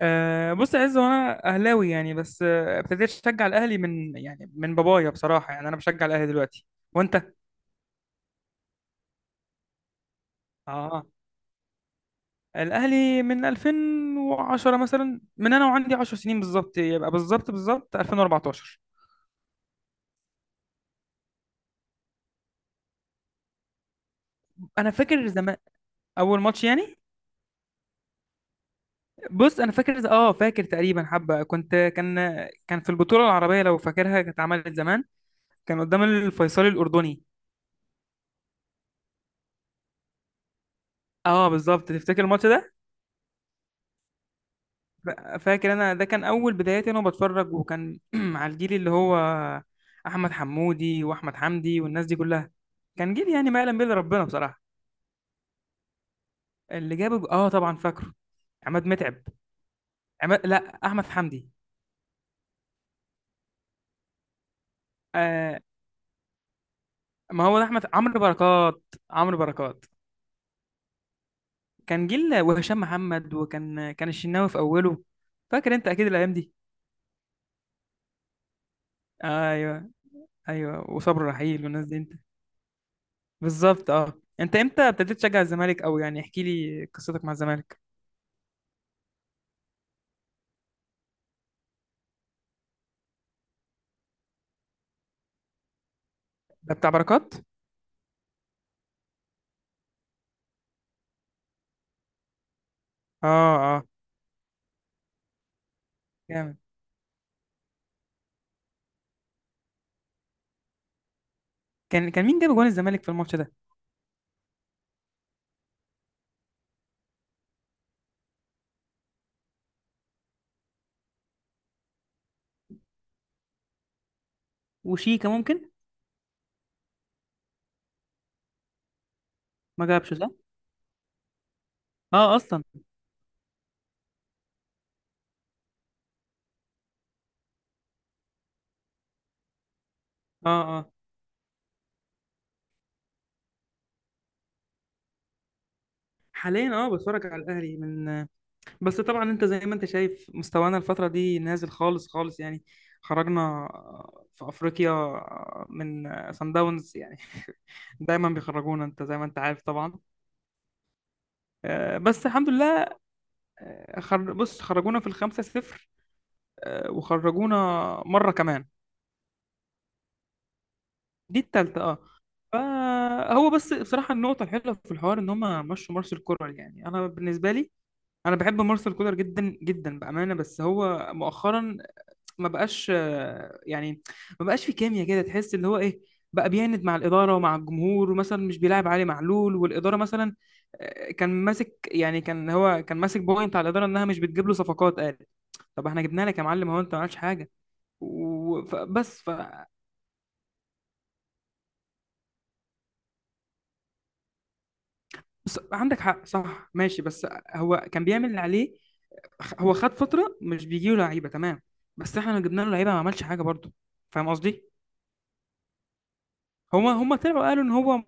بص يا عز، وانا اهلاوي يعني بس ابتديت اشجع الاهلي من يعني من بابايا بصراحه. يعني انا بشجع الاهلي دلوقتي وانت. اه، الاهلي من 2010 مثلا، من انا وعندي 10 سنين بالظبط، يبقى بالظبط 2014. انا فاكر زمان، اول ماتش يعني. بص انا فاكر فاكر تقريبا حبه، كنت كان في البطوله العربيه، لو فاكرها كانت اتعملت زمان، كان قدام الفيصلي الاردني. اه بالظبط، تفتكر الماتش ده. ف- فاكر انا، ده كان اول بداياتي انا بتفرج، وكان على الجيل اللي هو احمد حمودي واحمد حمدي والناس دي كلها، كان جيل يعني ما يعلم به الا ربنا بصراحه. اللي جاب، اه، طبعا فاكره. عماد متعب. عماد، لا، احمد حمدي. آه. ما هو ده عمرو بركات. عمرو بركات. كان جيل، وهشام محمد، وكان الشناوي في اوله. فاكر انت اكيد الايام دي. ايوه، ايوه، وصبر رحيل والناس دي، انت. بالظبط اه. انت امتى ابتديت تشجع الزمالك، او يعني احكي لي قصتك مع الزمالك؟ ده بتاع بركات. اه، اه، جامد. كان مين جاب جوان الزمالك في الماتش ده؟ وش. ما جابش صح. اه اصلا. اه، اه. حاليا اه، بتفرج على الاهلي من، بس طبعا انت زي ما انت شايف، مستوانا الفتره دي نازل خالص خالص يعني. خرجنا في افريقيا من سان داونز يعني دايما بيخرجونا، انت زي ما انت عارف طبعا. بس الحمد لله. بص، خرجونا في الخمسة صفر، وخرجونا مرة كمان. دي التالتة اه. فهو بس بصراحة، النقطة الحلوة في الحوار ان هما مشوا مارسيل كولر. يعني انا بالنسبة لي، انا بحب مارسيل كولر جدا جدا بأمانة، بس هو مؤخرا ما بقاش آه، يعني ما بقاش في كيمياء كده، تحس اللي هو ايه. بقى بيعند مع الإدارة ومع الجمهور، ومثلا مش بيلاعب علي معلول والإدارة مثلا. كان ماسك يعني، كان هو كان ماسك بوينت على الإدارة انها مش بتجيب له صفقات، قال طب احنا جبنا لك يا معلم، هو انت ما عملتش حاجه وبس. بس عندك حق صح، ماشي. بس هو كان بيعمل اللي عليه. هو خد فترة مش بيجيله لعيبة، تمام. بس احنا لو جبنا له لعيبة ما عملش حاجة برضه. فاهم قصدي؟ هما طلعوا قالوا ان هو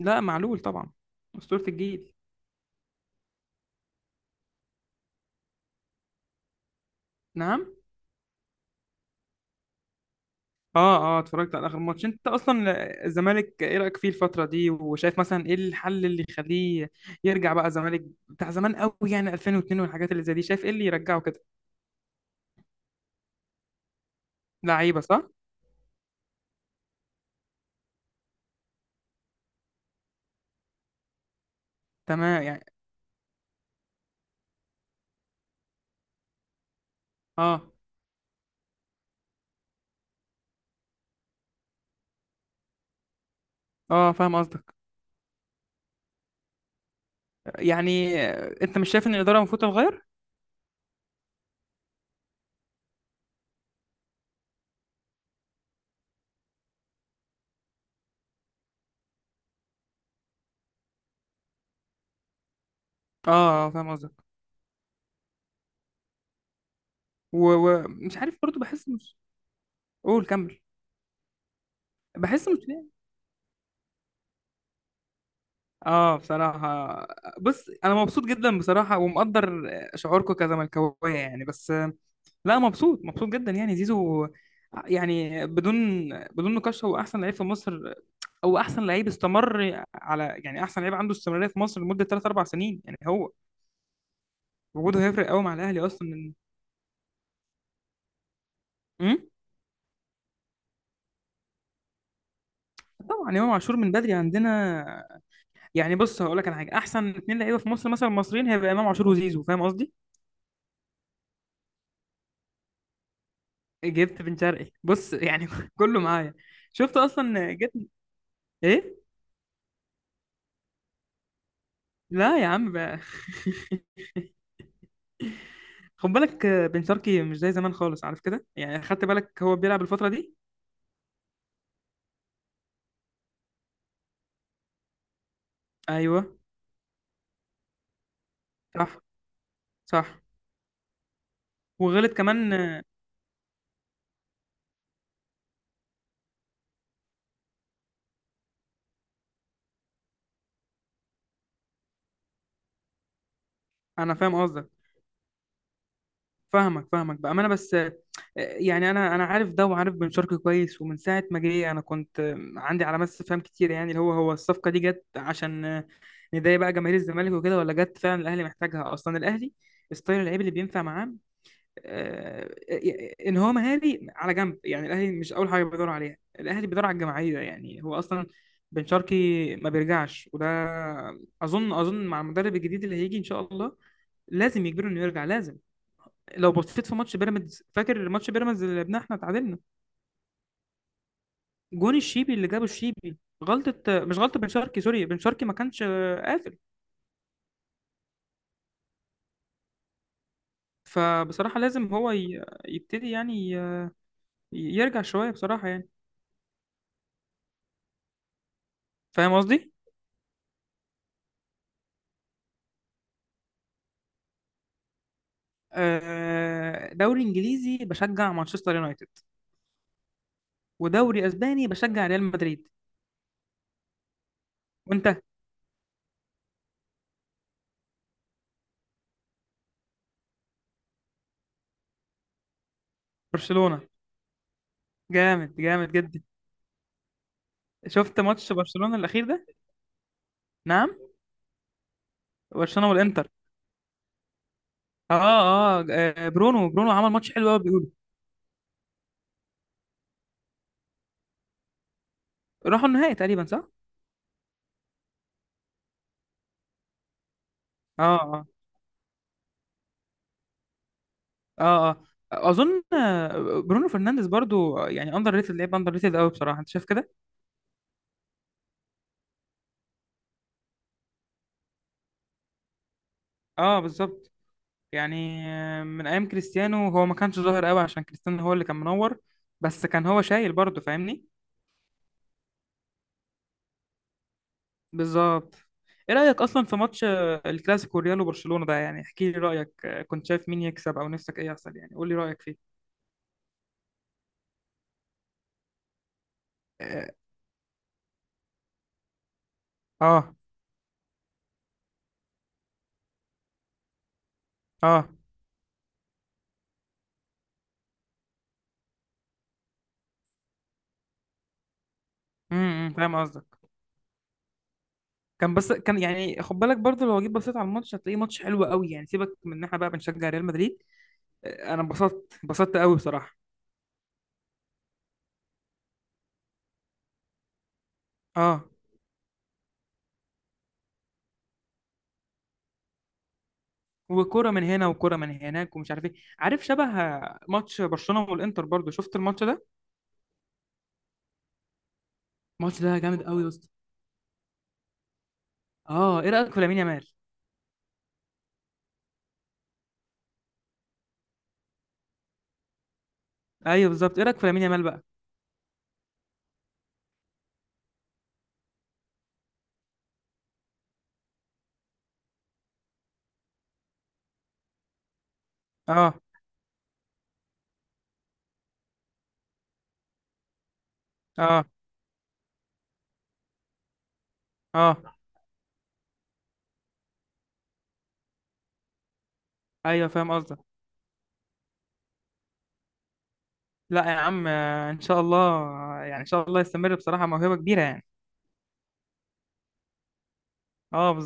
لا، معلول طبعا. أسطورة الجيل. نعم. اه، اه، اتفرجت على آخر ماتش انت اصلا. الزمالك ايه رأيك فيه الفترة دي، وشايف مثلا ايه الحل اللي يخليه يرجع بقى الزمالك بتاع زمان قوي، يعني 2002 والحاجات اللي زي دي. شايف ايه اللي يرجعه كده؟ لعيبة صح؟ تمام يعني. اه، اه، فاهم قصدك. يعني انت مش شايف ان الاداره المفروض تتغير؟ اه فاهم قصدك. ومش عارف برضو بحس مش. قول كمل. بحس مش. اه بصراحه، بص انا مبسوط جدا بصراحه، ومقدر شعوركم كزملكاويه يعني. بس لا، مبسوط مبسوط جدا يعني. زيزو يعني، بدون نقاش، هو احسن لعيب في مصر. او احسن لعيب استمر، على يعني احسن لعيب عنده استمراريه في مصر لمده 3 4 سنين يعني. هو وجوده هيفرق قوي مع الاهلي اصلا. امم طبعا، امام عاشور من بدري عندنا. يعني بص هقول لك على حاجه، احسن اتنين لعيبه في مصر مثلا مصريين، هيبقى امام عاشور وزيزو. فاهم قصدي؟ جبت بن شرقي. بص يعني كله معايا. شفت اصلا جبت. ايه. لا يا عم بقى خد بالك بن شرقي مش زي زمان خالص، عارف كده، يعني خدت بالك هو بيلعب الفتره دي. ايوه، صح صح، وغلط كمان انا فاهم قصدك. فاهمك فاهمك بامانه. بس يعني انا عارف ده، وعارف بن شرقي كويس. ومن ساعه ما جه، انا كنت عندي علامات استفهام كتير، يعني اللي هو هو الصفقه دي جت عشان نضايق بقى جماهير الزمالك وكده، ولا جت فعلا الاهلي محتاجها اصلا. الاهلي ستايل اللعيب اللي بينفع معاه، آه، ان هو مهاري على جنب يعني. الاهلي مش اول حاجه بيدور عليها، الاهلي بيدور على الجماعيه يعني. هو اصلا بن شرقي ما بيرجعش. وده اظن مع المدرب الجديد اللي هيجي ان شاء الله لازم يجبره انه يرجع، لازم. لو بصيت في ماتش بيراميدز، فاكر ماتش بيراميدز اللي لعبناه احنا تعادلنا، جون الشيبي اللي جابه الشيبي، غلطه، مش غلطه بن شرقي، سوري، بن شرقي ما كانش قافل. فبصراحة لازم هو يبتدي يعني يرجع شوية بصراحة يعني. فاهم قصدي؟ دوري انجليزي بشجع مانشستر يونايتد، ودوري اسباني بشجع ريال مدريد. وانت. برشلونة، جامد جامد جدا. شفت ماتش برشلونة الاخير ده؟ نعم. برشلونة والانتر. اه، اه، برونو عمل ماتش حلو قوي بيقولوا. راحوا النهائي تقريبا صح؟ اه. اه. اه. اه. اظن برونو فرنانديز برضو يعني اندر ريتد، لعيب اندر ريتد قوي بصراحة. انت شايف كده؟ اه بالظبط. يعني من ايام كريستيانو، هو ما كانش ظاهر قوي عشان كريستيانو هو اللي كان منور، بس كان هو شايل برضه، فاهمني. بالظبط. ايه رايك اصلا في ماتش الكلاسيكو ريال وبرشلونه ده، يعني احكي لي رايك، كنت شايف مين يكسب، او نفسك ايه يحصل، يعني قول لي رايك فيه. اه. اه. آه. فاهم قصدك. كان بس كان، يعني خد بالك برضه، لو جيت بصيت على الماتش هتلاقيه ماتش حلو قوي يعني، سيبك من ان احنا بقى بنشجع ريال مدريد. انا انبسطت انبسطت قوي بصراحه. اه. وكرة من هنا وكرة من هناك ومش عارف ايه. عارف شبه ماتش برشلونة والانتر برضو، شفت الماتش ده. الماتش ده جامد قوي يا اسطى. اه، ايه رأيك في لامين يامال؟ ايوه بالظبط، ايه رأيك في لامين يامال بقى؟ اه. اه. اه. ايوه فاهم قصدك. لا يا عم، ان شاء الله. يعني ان شاء الله يستمر، بصراحة موهبة كبيرة يعني. اه بالظبط.